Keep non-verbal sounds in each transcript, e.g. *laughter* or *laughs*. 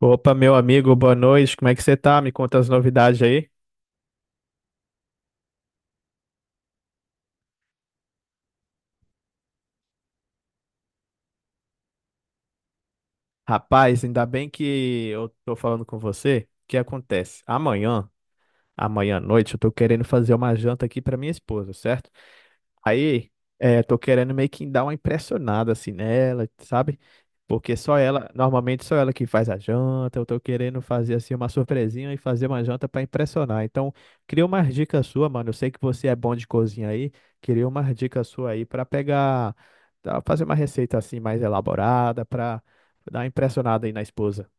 Opa, meu amigo, boa noite. Como é que você tá? Me conta as novidades aí. Rapaz, ainda bem que eu tô falando com você. O que acontece? Amanhã à noite, eu tô querendo fazer uma janta aqui pra minha esposa, certo? Aí, tô querendo meio que dar uma impressionada assim nela, sabe? Porque só ela, normalmente só ela que faz a janta. Eu tô querendo fazer assim uma surpresinha e fazer uma janta pra impressionar. Então, queria umas dicas sua, mano. Eu sei que você é bom de cozinha aí. Queria umas dicas sua aí pra pegar, tá, fazer uma receita assim mais elaborada pra dar uma impressionada aí na esposa.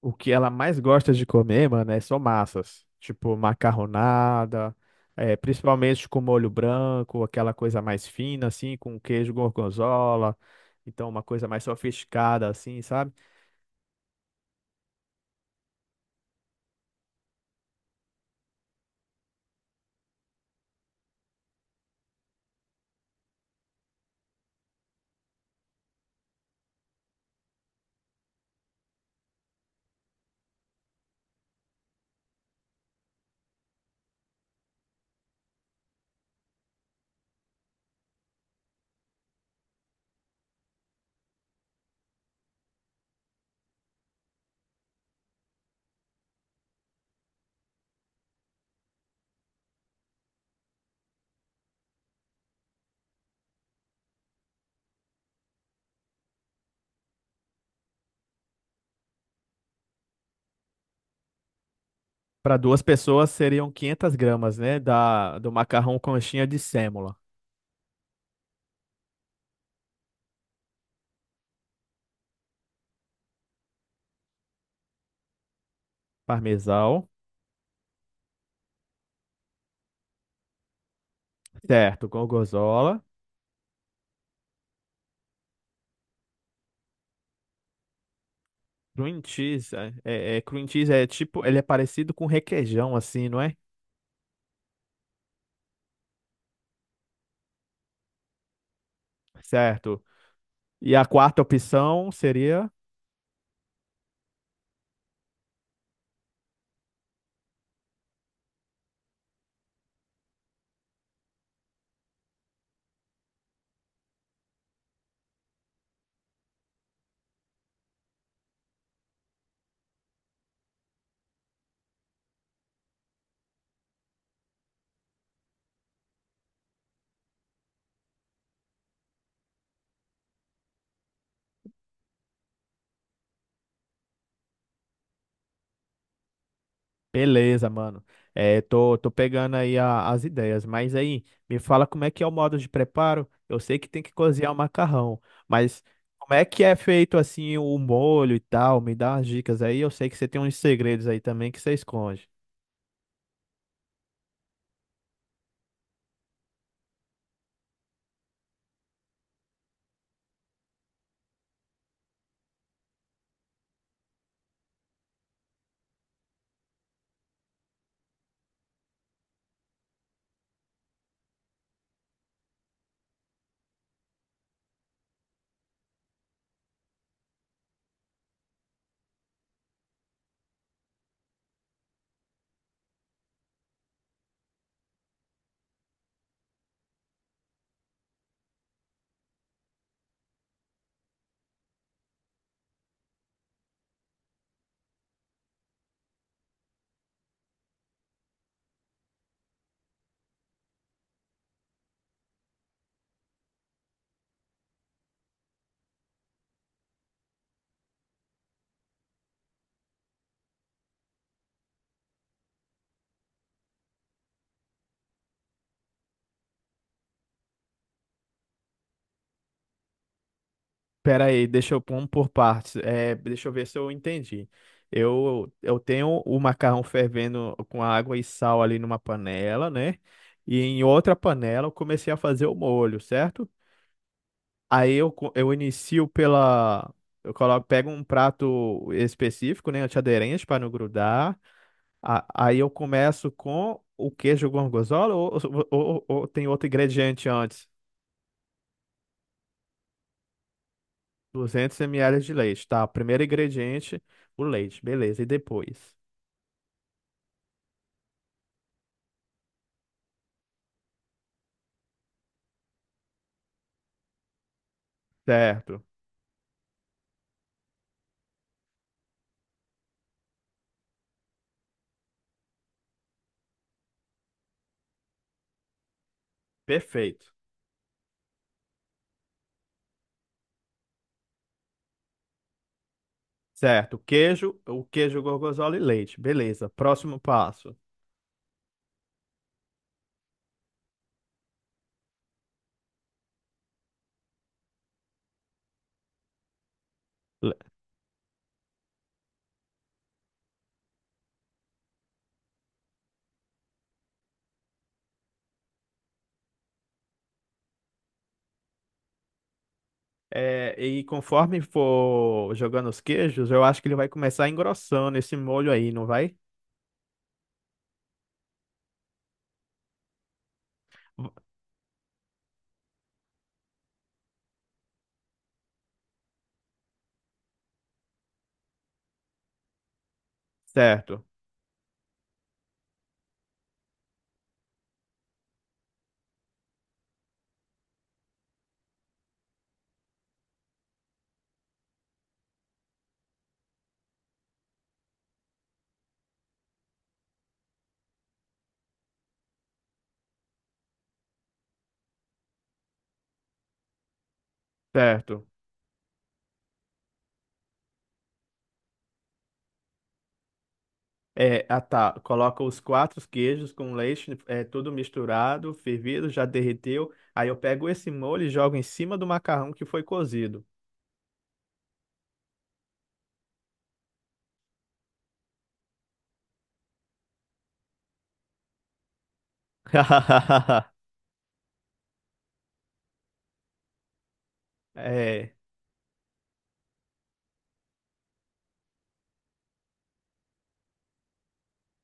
O que ela mais gosta de comer, mano, é só massas. Tipo, macarronada, principalmente com molho branco, aquela coisa mais fina, assim, com queijo gorgonzola. Então, uma coisa mais sofisticada, assim, sabe? Para duas pessoas seriam 500 g, né? Do macarrão conchinha de sêmola. Parmesão, certo, gorgonzola. Cream cheese, cream cheese é tipo, ele é parecido com requeijão, assim, não é? Certo. E a quarta opção seria. Beleza, mano. É, tô pegando aí as ideias, mas aí me fala como é que é o modo de preparo. Eu sei que tem que cozinhar o macarrão, mas como é que é feito assim o molho e tal? Me dá umas dicas aí. Eu sei que você tem uns segredos aí também que você esconde. Pera aí, deixa eu pôr um por partes. É, deixa eu ver se eu entendi. Eu tenho o macarrão fervendo com água e sal ali numa panela, né? E em outra panela eu comecei a fazer o molho, certo? Eu inicio pela. Eu coloco, pego um prato específico, né, antiaderente para não grudar. Aí eu começo com o queijo gorgonzola ou, ou tem outro ingrediente antes? 200 ml de leite, tá? Primeiro ingrediente, o leite, beleza. E depois? Certo, perfeito. Certo, queijo, o queijo gorgonzola e leite, beleza. Próximo passo. É, e conforme for jogando os queijos, eu acho que ele vai começar engrossando esse molho aí, não vai? V- Certo, certo. É, ah tá, coloca os quatro queijos com leite, é, tudo misturado, fervido, já derreteu. Aí eu pego esse molho e jogo em cima do macarrão que foi cozido. *laughs* É,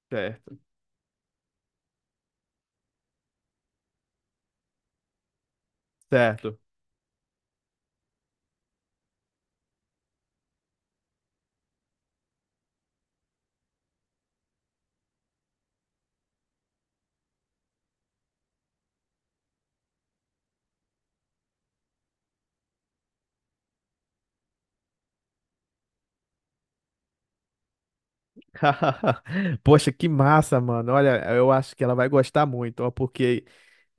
certo, certo. *laughs* Poxa, que massa, mano. Olha, eu acho que ela vai gostar muito, ó, porque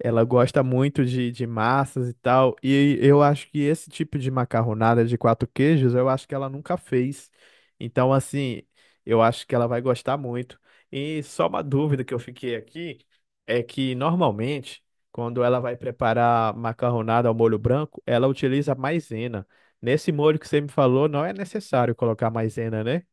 ela gosta muito de massas e tal. E eu acho que esse tipo de macarronada de quatro queijos, eu acho que ela nunca fez. Então, assim, eu acho que ela vai gostar muito. E só uma dúvida que eu fiquei aqui é que normalmente, quando ela vai preparar macarronada ao molho branco, ela utiliza maisena. Nesse molho que você me falou, não é necessário colocar maisena, né?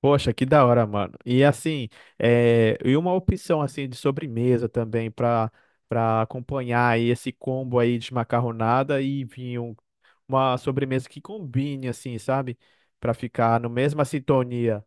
Poxa, que da hora, mano. E assim, é, e uma opção assim de sobremesa também para para acompanhar aí esse combo aí de macarronada e vinho, uma sobremesa que combine assim, sabe? Para ficar no mesma sintonia.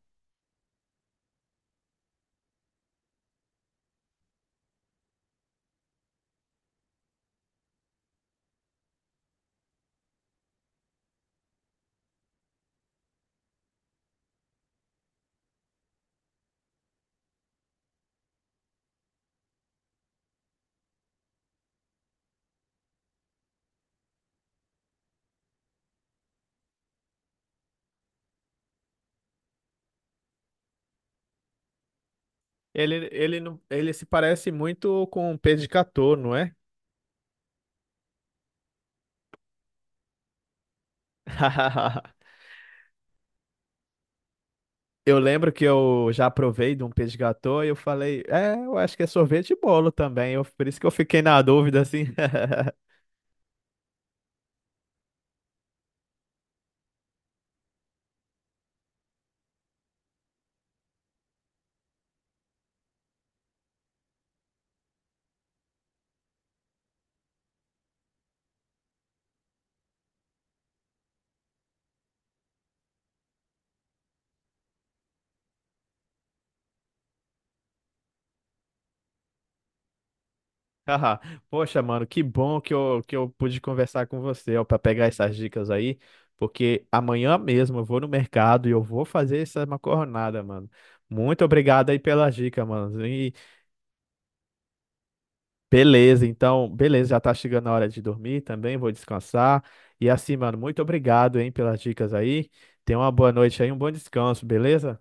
Ele ele se parece muito com um peixe de gâteau, não é? *laughs* Eu lembro que eu já provei de um peixe de gâteau e eu falei, é, eu acho que é sorvete e bolo também. Eu, por isso que eu fiquei na dúvida assim. *laughs* Haha. Poxa, mano, que bom que eu pude conversar com você, ó, para pegar essas dicas aí, porque amanhã mesmo eu vou no mercado e eu vou fazer essa macarronada, mano. Muito obrigado aí pelas dicas, mano. E beleza, então, beleza, já tá chegando a hora de dormir também, vou descansar. E assim, mano, muito obrigado, hein, pelas dicas aí. Tenha uma boa noite aí, um bom descanso, beleza?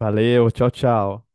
Valeu, tchau, tchau.